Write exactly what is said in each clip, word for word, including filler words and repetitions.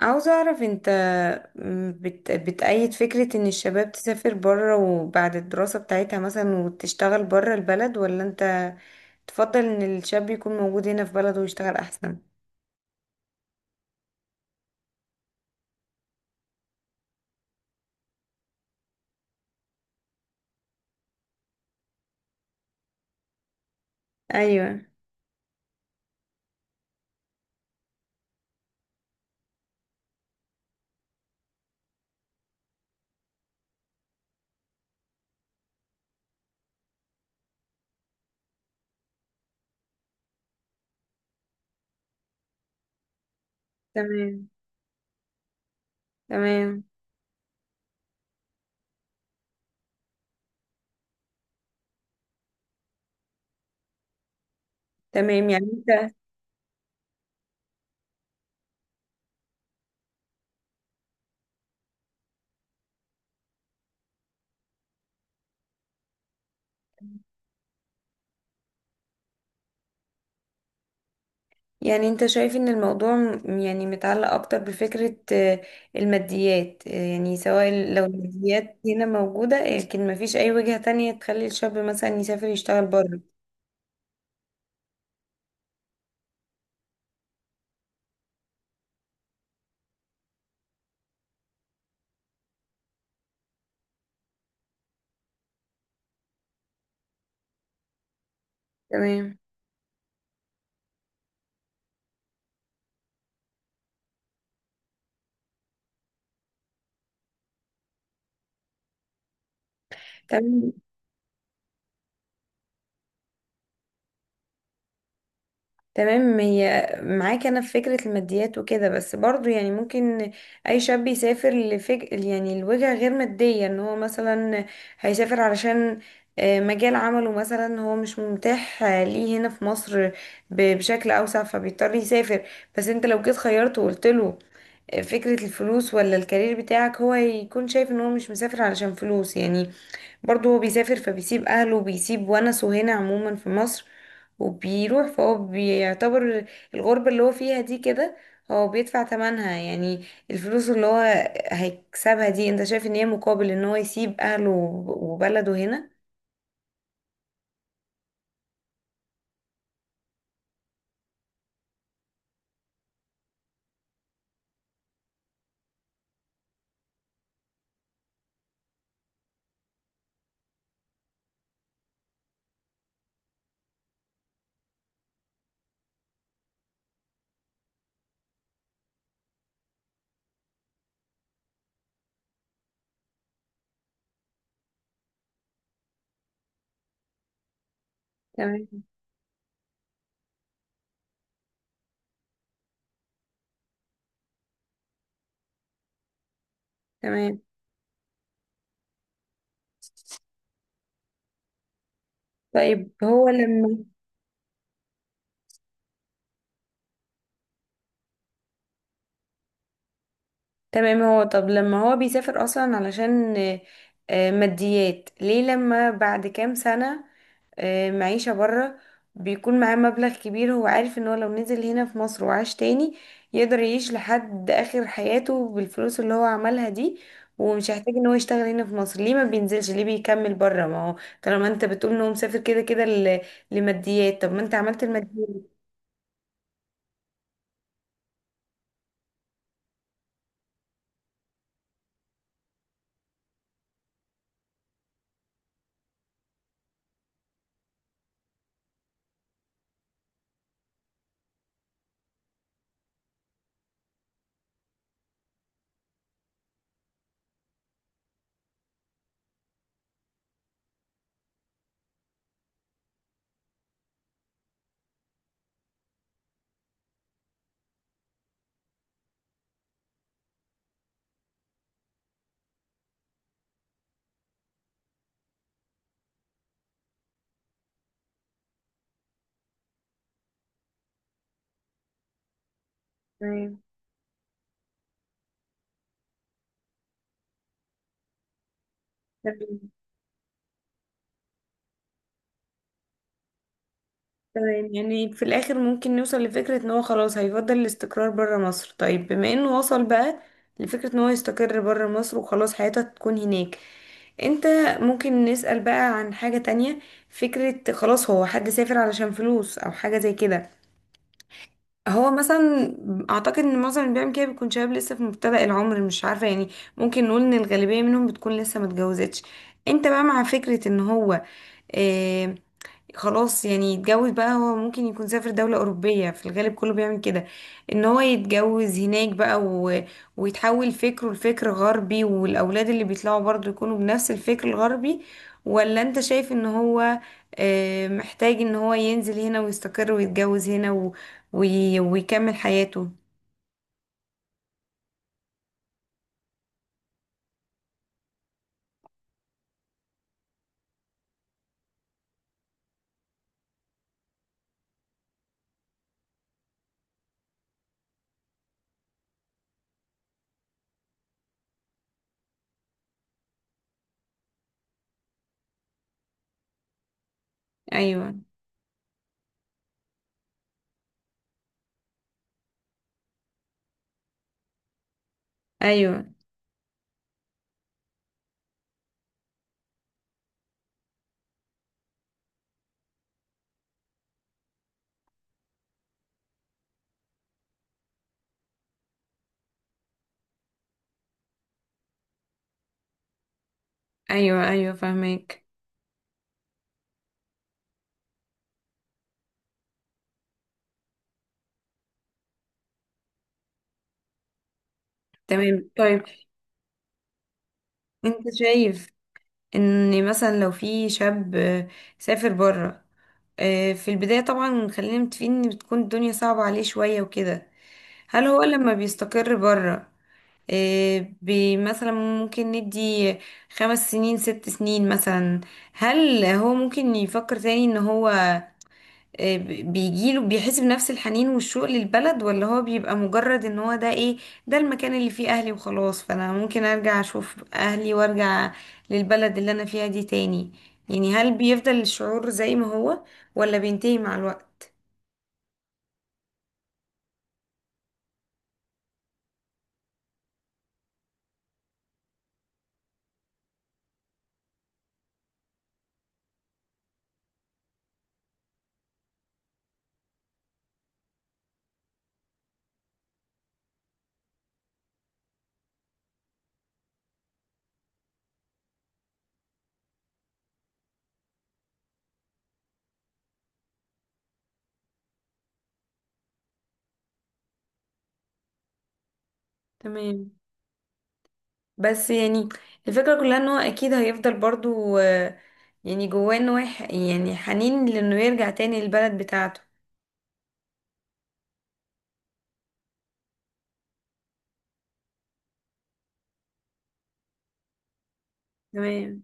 عاوزة أعرف أنت بت... بتأيد فكرة إن الشباب تسافر بره وبعد الدراسة بتاعتها مثلا وتشتغل بره البلد، ولا أنت تفضل إن الشاب يكون موجود هنا في بلده ويشتغل أحسن؟ أيوة. تمام. تمام. تمام. يعني أنت يعني أنت شايف إن الموضوع م- يعني متعلق أكتر بفكرة آه، الماديات، آه، يعني سواء لو الماديات هنا موجودة، لكن مفيش أي وجهة تانية تخلي الشاب مثلا يسافر يشتغل بره؟ تمام. تمام. تمام، هي معاك انا في فكرة الماديات وكده، بس برضو يعني ممكن اي شاب يسافر لفج... يعني لوجهة غير مادية، ان هو مثلا هيسافر علشان آه، مجال عمله مثلا هو مش متاح آه، ليه هنا في مصر ب- بشكل اوسع، فبيضطر يسافر. بس انت لو جيت خيرته وقلت له آه، فكرة الفلوس ولا الكارير بتاعك، هو هيكون شايف ان هو مش مسافر علشان فلوس يعني. برضو هو بيسافر، فبيسيب اهله وبيسيب ونسه هنا عموما في مصر، وبيروح، فهو بيعتبر الغربة اللي هو فيها دي كده هو بيدفع تمنها. يعني الفلوس اللي هو هيكسبها دي، انت شايف ان هي مقابل ان هو يسيب اهله وبلده هنا؟ تمام. تمام، طيب هو لما، تمام. هو طب لما هو بيسافر اصلا علشان آه، آه، ماديات، ليه لما بعد كام سنة آه، معيشة بره بيكون معاه مبلغ كبير، هو عارف ان هو لو نزل هنا في مصر وعاش تاني يقدر يعيش لحد اخر حياته بالفلوس اللي هو عملها دي، ومش هيحتاج ان هو يشتغل هنا في مصر، ليه ما بينزلش؟ ليه بيكمل بره؟ ما هو طالما انت بتقول ان هو مسافر كده كده ل- لماديات، طب ما انت عملت الماديات. تمام. تمام، يعني في الآخر ممكن نوصل لفكرة ان هو خلاص هيفضل الاستقرار برا مصر. طيب بما انه وصل بقى لفكرة ان هو يستقر برا مصر وخلاص حياته تكون هناك، انت ممكن نسأل بقى عن حاجة تانية. فكرة خلاص هو حد سافر علشان فلوس او حاجة زي كده، هو مثلا اعتقد ان معظم اللي بيعمل كده بيكون شباب لسه في مبتدأ العمر، مش عارفة يعني، ممكن نقول ان الغالبية منهم بتكون لسه متجوزتش. انت بقى مع فكرة ان هو آه، خلاص يعني يتجوز بقى، هو ممكن يكون سافر دولة أوروبية في الغالب، كله بيعمل كده، إن هو يتجوز هناك بقى و... ويتحول فكره لفكر غربي، والأولاد اللي بيطلعوا برضو يكونوا بنفس الفكر الغربي؟ ولا أنت شايف إن هو آه، محتاج إن هو ينزل هنا ويستقر ويتجوز هنا و... وي... ويكمل حياته؟ أيوه. أيوه. أيوه. أيوه، فاهمك. تمام، طيب أنت شايف ان مثلا لو في شاب آه، سافر بره، آه، في البداية طبعا خلينا متفقين ان بتكون الدنيا صعبة عليه شوية وكده، هل هو لما بيستقر بره آه، بي- مثلا ممكن ندي خمس سنين ست سنين مثلا، هل هو ممكن يفكر تاني ان هو آه، ب- بيجيله بيحس بنفس الحنين والشوق للبلد، ولا هو بيبقى مجرد ان هو ده ايه، ده المكان اللي فيه اهلي وخلاص، فانا ممكن ارجع اشوف اهلي وارجع للبلد اللي انا فيها دي تاني؟ يعني هل بيفضل الشعور زي ما هو، ولا بينتهي مع الوقت؟ تمام. بس يعني الفكرة كلها ان هو اكيد هيفضل برضو آه، يعني جواه، انه يح- يعني حنين لانه يرجع تاني للبلد بتاعته. تمام.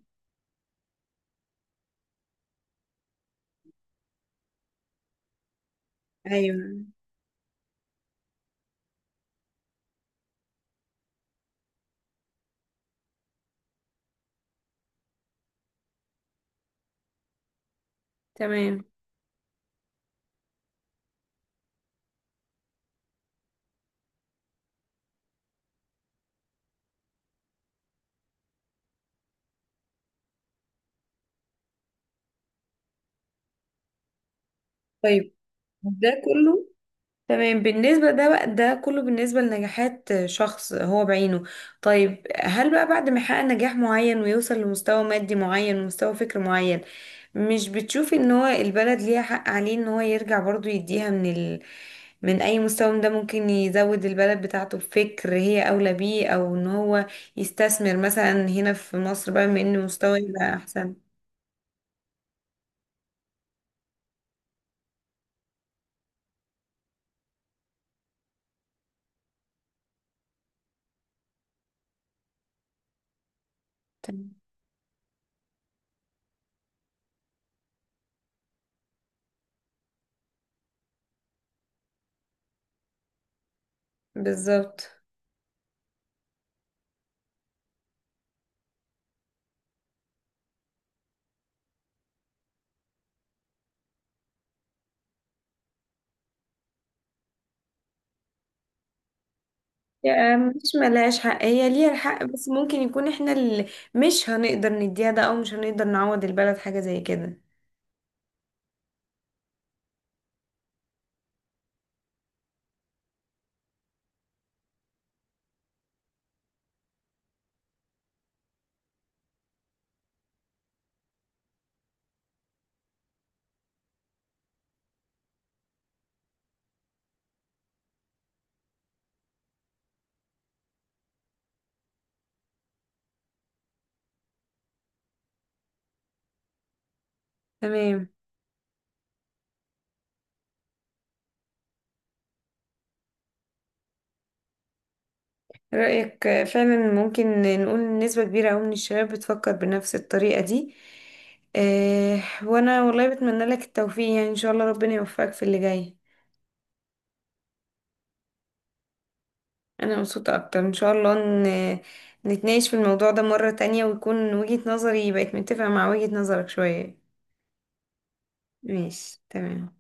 ايوه. تمام، طيب ده كله، تمام. بالنسبة ده بقى، ده كله بالنسبة لنجاحات شخص هو بعينه. طيب هل بقى بعد ما يحقق نجاح معين ويوصل لمستوى مادي معين ومستوى فكر معين، مش بتشوفي ان هو البلد ليها حق عليه ان هو يرجع برضو يديها من ال... من اي مستوى، من ده ممكن يزود البلد بتاعته بفكر هي اولى بيه، او ان هو يستثمر مثلا هنا في مصر بقى، من ان مستوى يبقى احسن. بالظبط، يعني مش ملهاش حق، هي ليها الحق، بس ممكن يكون احنا اللي مش هنقدر نديها ده، او مش هنقدر نعوض البلد حاجة زي كده. تمام. رأيك فعلا ممكن نقول نسبة كبيرة أوي من الشباب بتفكر بنفس الطريقة دي. اه، وأنا والله بتمنى لك التوفيق يعني، إن شاء الله ربنا يوفقك في اللي جاي. أنا مبسوطة أكتر، إن شاء الله ن- نتناقش في الموضوع ده مرة تانية، ويكون وجهة نظري بقت متفقة مع وجهة نظرك شوية. ماشي، تمام.